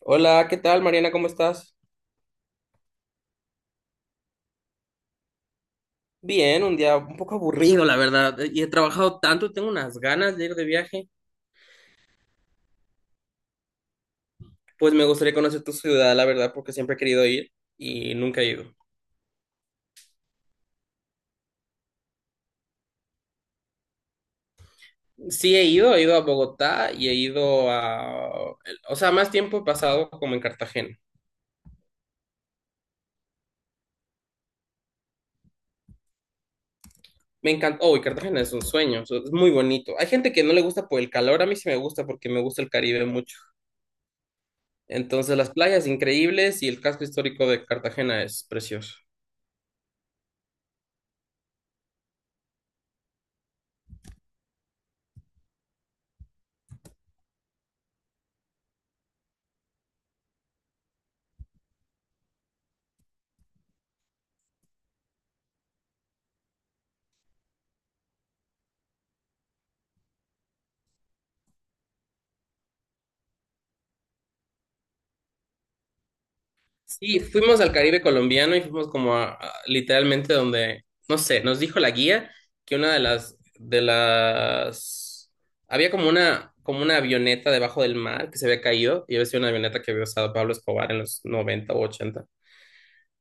Hola, ¿qué tal, Mariana? ¿Cómo estás? Bien, un día un poco aburrido, la verdad. Y he trabajado tanto, tengo unas ganas de ir de viaje. Pues me gustaría conocer tu ciudad, la verdad, porque siempre he querido ir y nunca he ido. Sí he ido a Bogotá y he ido a... O sea, más tiempo he pasado como en Cartagena. Me encanta... Oh, y Cartagena es un sueño, es muy bonito. Hay gente que no le gusta por el calor, a mí sí me gusta porque me gusta el Caribe mucho. Entonces las playas increíbles y el casco histórico de Cartagena es precioso. Sí, fuimos al Caribe colombiano y fuimos como literalmente donde, no sé, nos dijo la guía que una de las, había como una avioneta debajo del mar que se había caído y había sido una avioneta que había usado Pablo Escobar en los 90 o 80.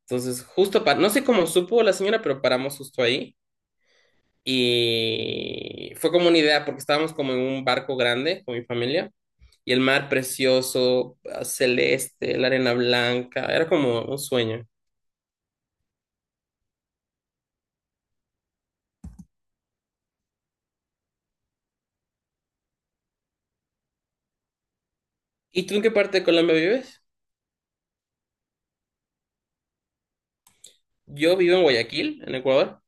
Entonces, justo para, no sé cómo supo la señora, pero paramos justo ahí y fue como una idea porque estábamos como en un barco grande con mi familia. Y el mar precioso, celeste, la arena blanca, era como un sueño. ¿Y tú en qué parte de Colombia vives? Yo vivo en Guayaquil, en Ecuador.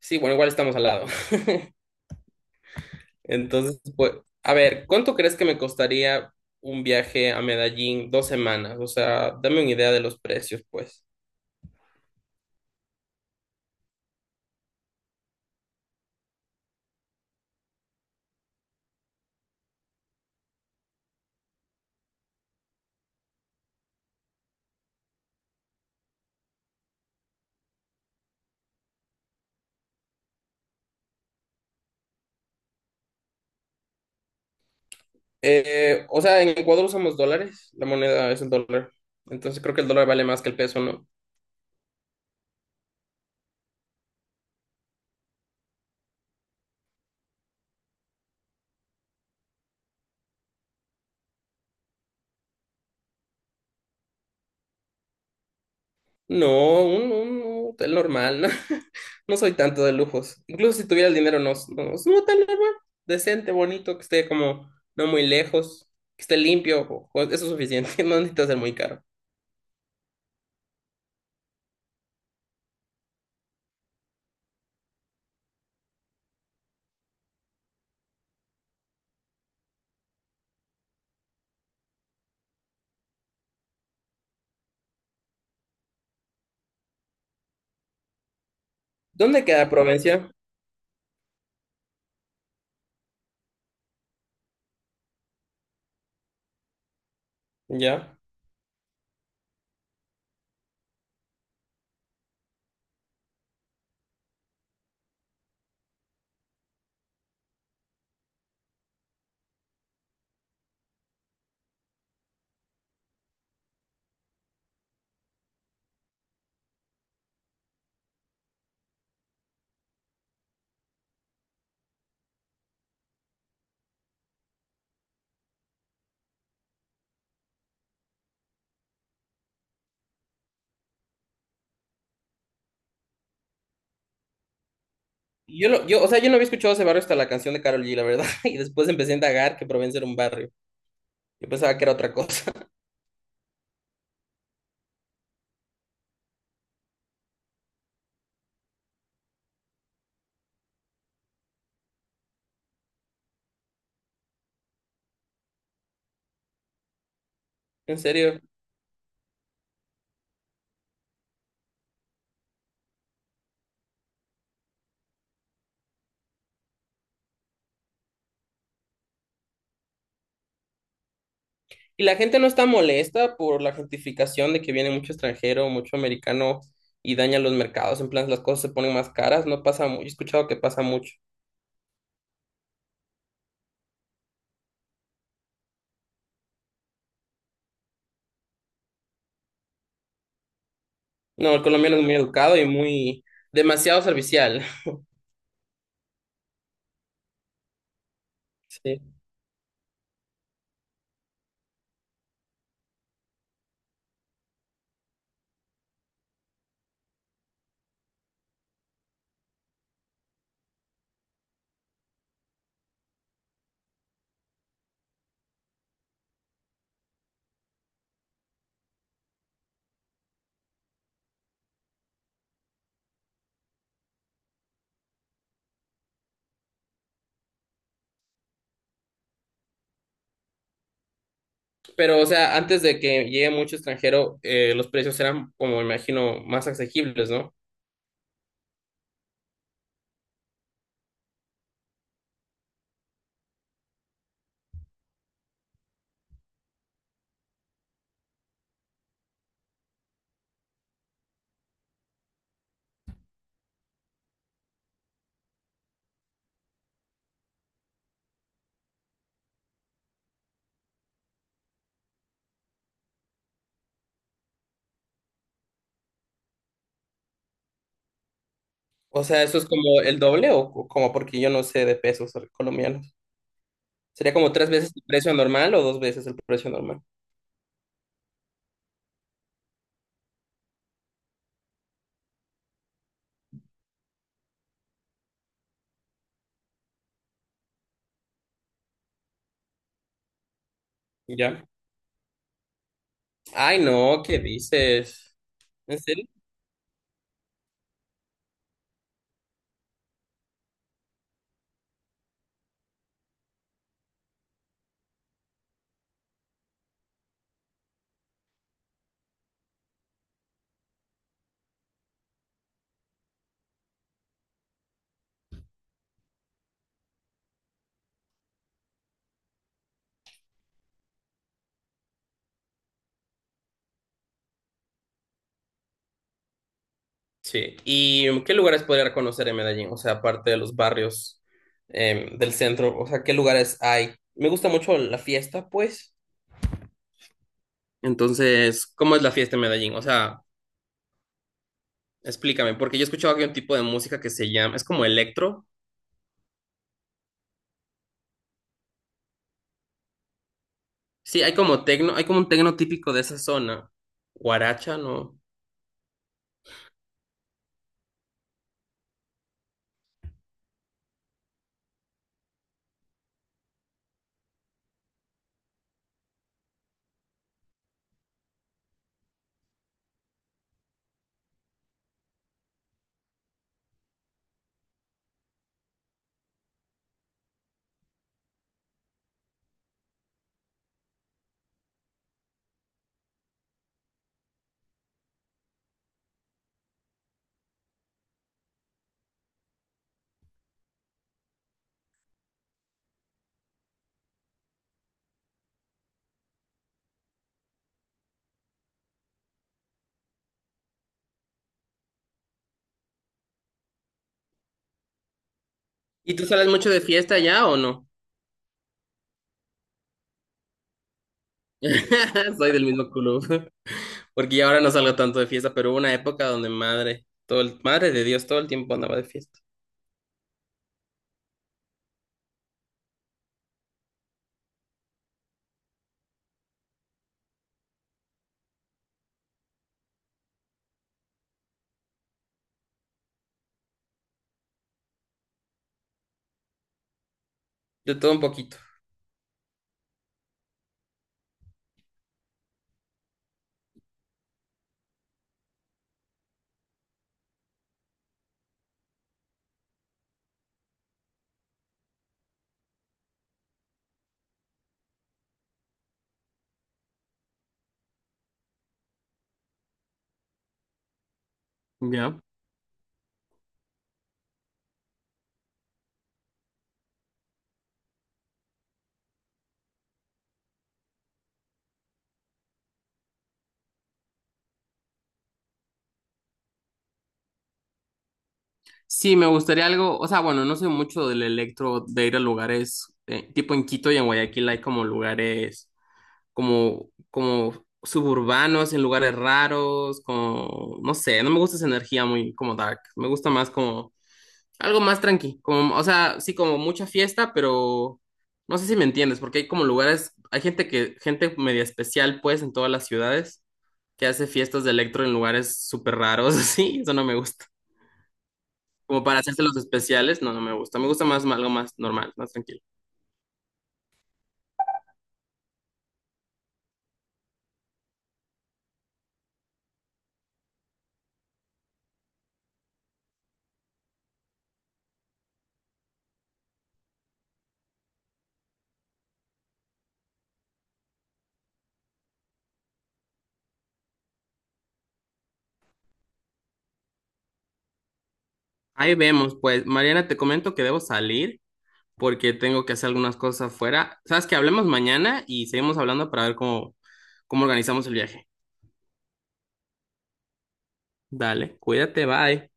Sí, bueno, igual estamos al lado. Entonces, pues, a ver, ¿cuánto crees que me costaría un viaje a Medellín 2 semanas? O sea, dame una idea de los precios, pues. O sea, en Ecuador usamos dólares, la moneda es el dólar. Entonces creo que el dólar vale más que el peso, ¿no? No, un hotel normal, ¿no? No soy tanto de lujos. Incluso si tuviera el dinero, no, no, no. Es un hotel normal, decente, bonito, que esté como no muy lejos, que esté limpio, eso es suficiente, no necesita ser muy caro. ¿Dónde queda Provencia? Ya. O sea, yo no había escuchado ese barrio hasta la canción de Karol G, la verdad, y después empecé a indagar que Provencia era un barrio. Yo pensaba que era otra cosa. En serio. Y la gente no está molesta por la gentrificación de que viene mucho extranjero, mucho americano y daña los mercados. En plan, las cosas se ponen más caras. No pasa mucho. He escuchado que pasa mucho. No, el colombiano es muy educado y muy demasiado servicial. Sí. Pero, o sea, antes de que llegue mucho extranjero, los precios eran, como me imagino, más asequibles, ¿no? O sea, eso es como el doble o como porque yo no sé de pesos colombianos. ¿Sería como tres veces el precio normal o dos veces el precio normal? Ya. Ay, no, ¿qué dices? ¿En serio? Sí. ¿Y qué lugares podría conocer en Medellín? O sea, aparte de los barrios del centro, o sea, ¿qué lugares hay? Me gusta mucho la fiesta, pues. Entonces, ¿cómo es la fiesta en Medellín? O sea, explícame, porque yo he escuchado que hay un tipo de música que se llama, es como electro. Sí, hay como tecno, hay como un tecno típico de esa zona. Guaracha, ¿no? ¿Y tú sales mucho de fiesta ya o no? Soy del mismo club, porque ya ahora no salgo tanto de fiesta, pero hubo una época donde madre, madre de Dios, todo el tiempo andaba de fiesta. De todo un poquito. Ya. Sí, me gustaría algo, o sea, bueno, no sé mucho del electro de ir a lugares, tipo en Quito y en Guayaquil hay como lugares como suburbanos, en lugares raros, como, no sé, no me gusta esa energía muy como dark, me gusta más como algo más tranqui, como, o sea, sí, como mucha fiesta, pero no sé si me entiendes, porque hay como lugares, hay gente que, gente media especial pues en todas las ciudades que hace fiestas de electro en lugares súper raros, así, eso no me gusta. Como para hacerse los especiales, no, no me gusta. Me gusta más algo más normal, más tranquilo. Ahí vemos, pues, Mariana, te comento que debo salir porque tengo que hacer algunas cosas afuera. Sabes que hablemos mañana y seguimos hablando para ver cómo, cómo organizamos el viaje. Dale, cuídate, bye.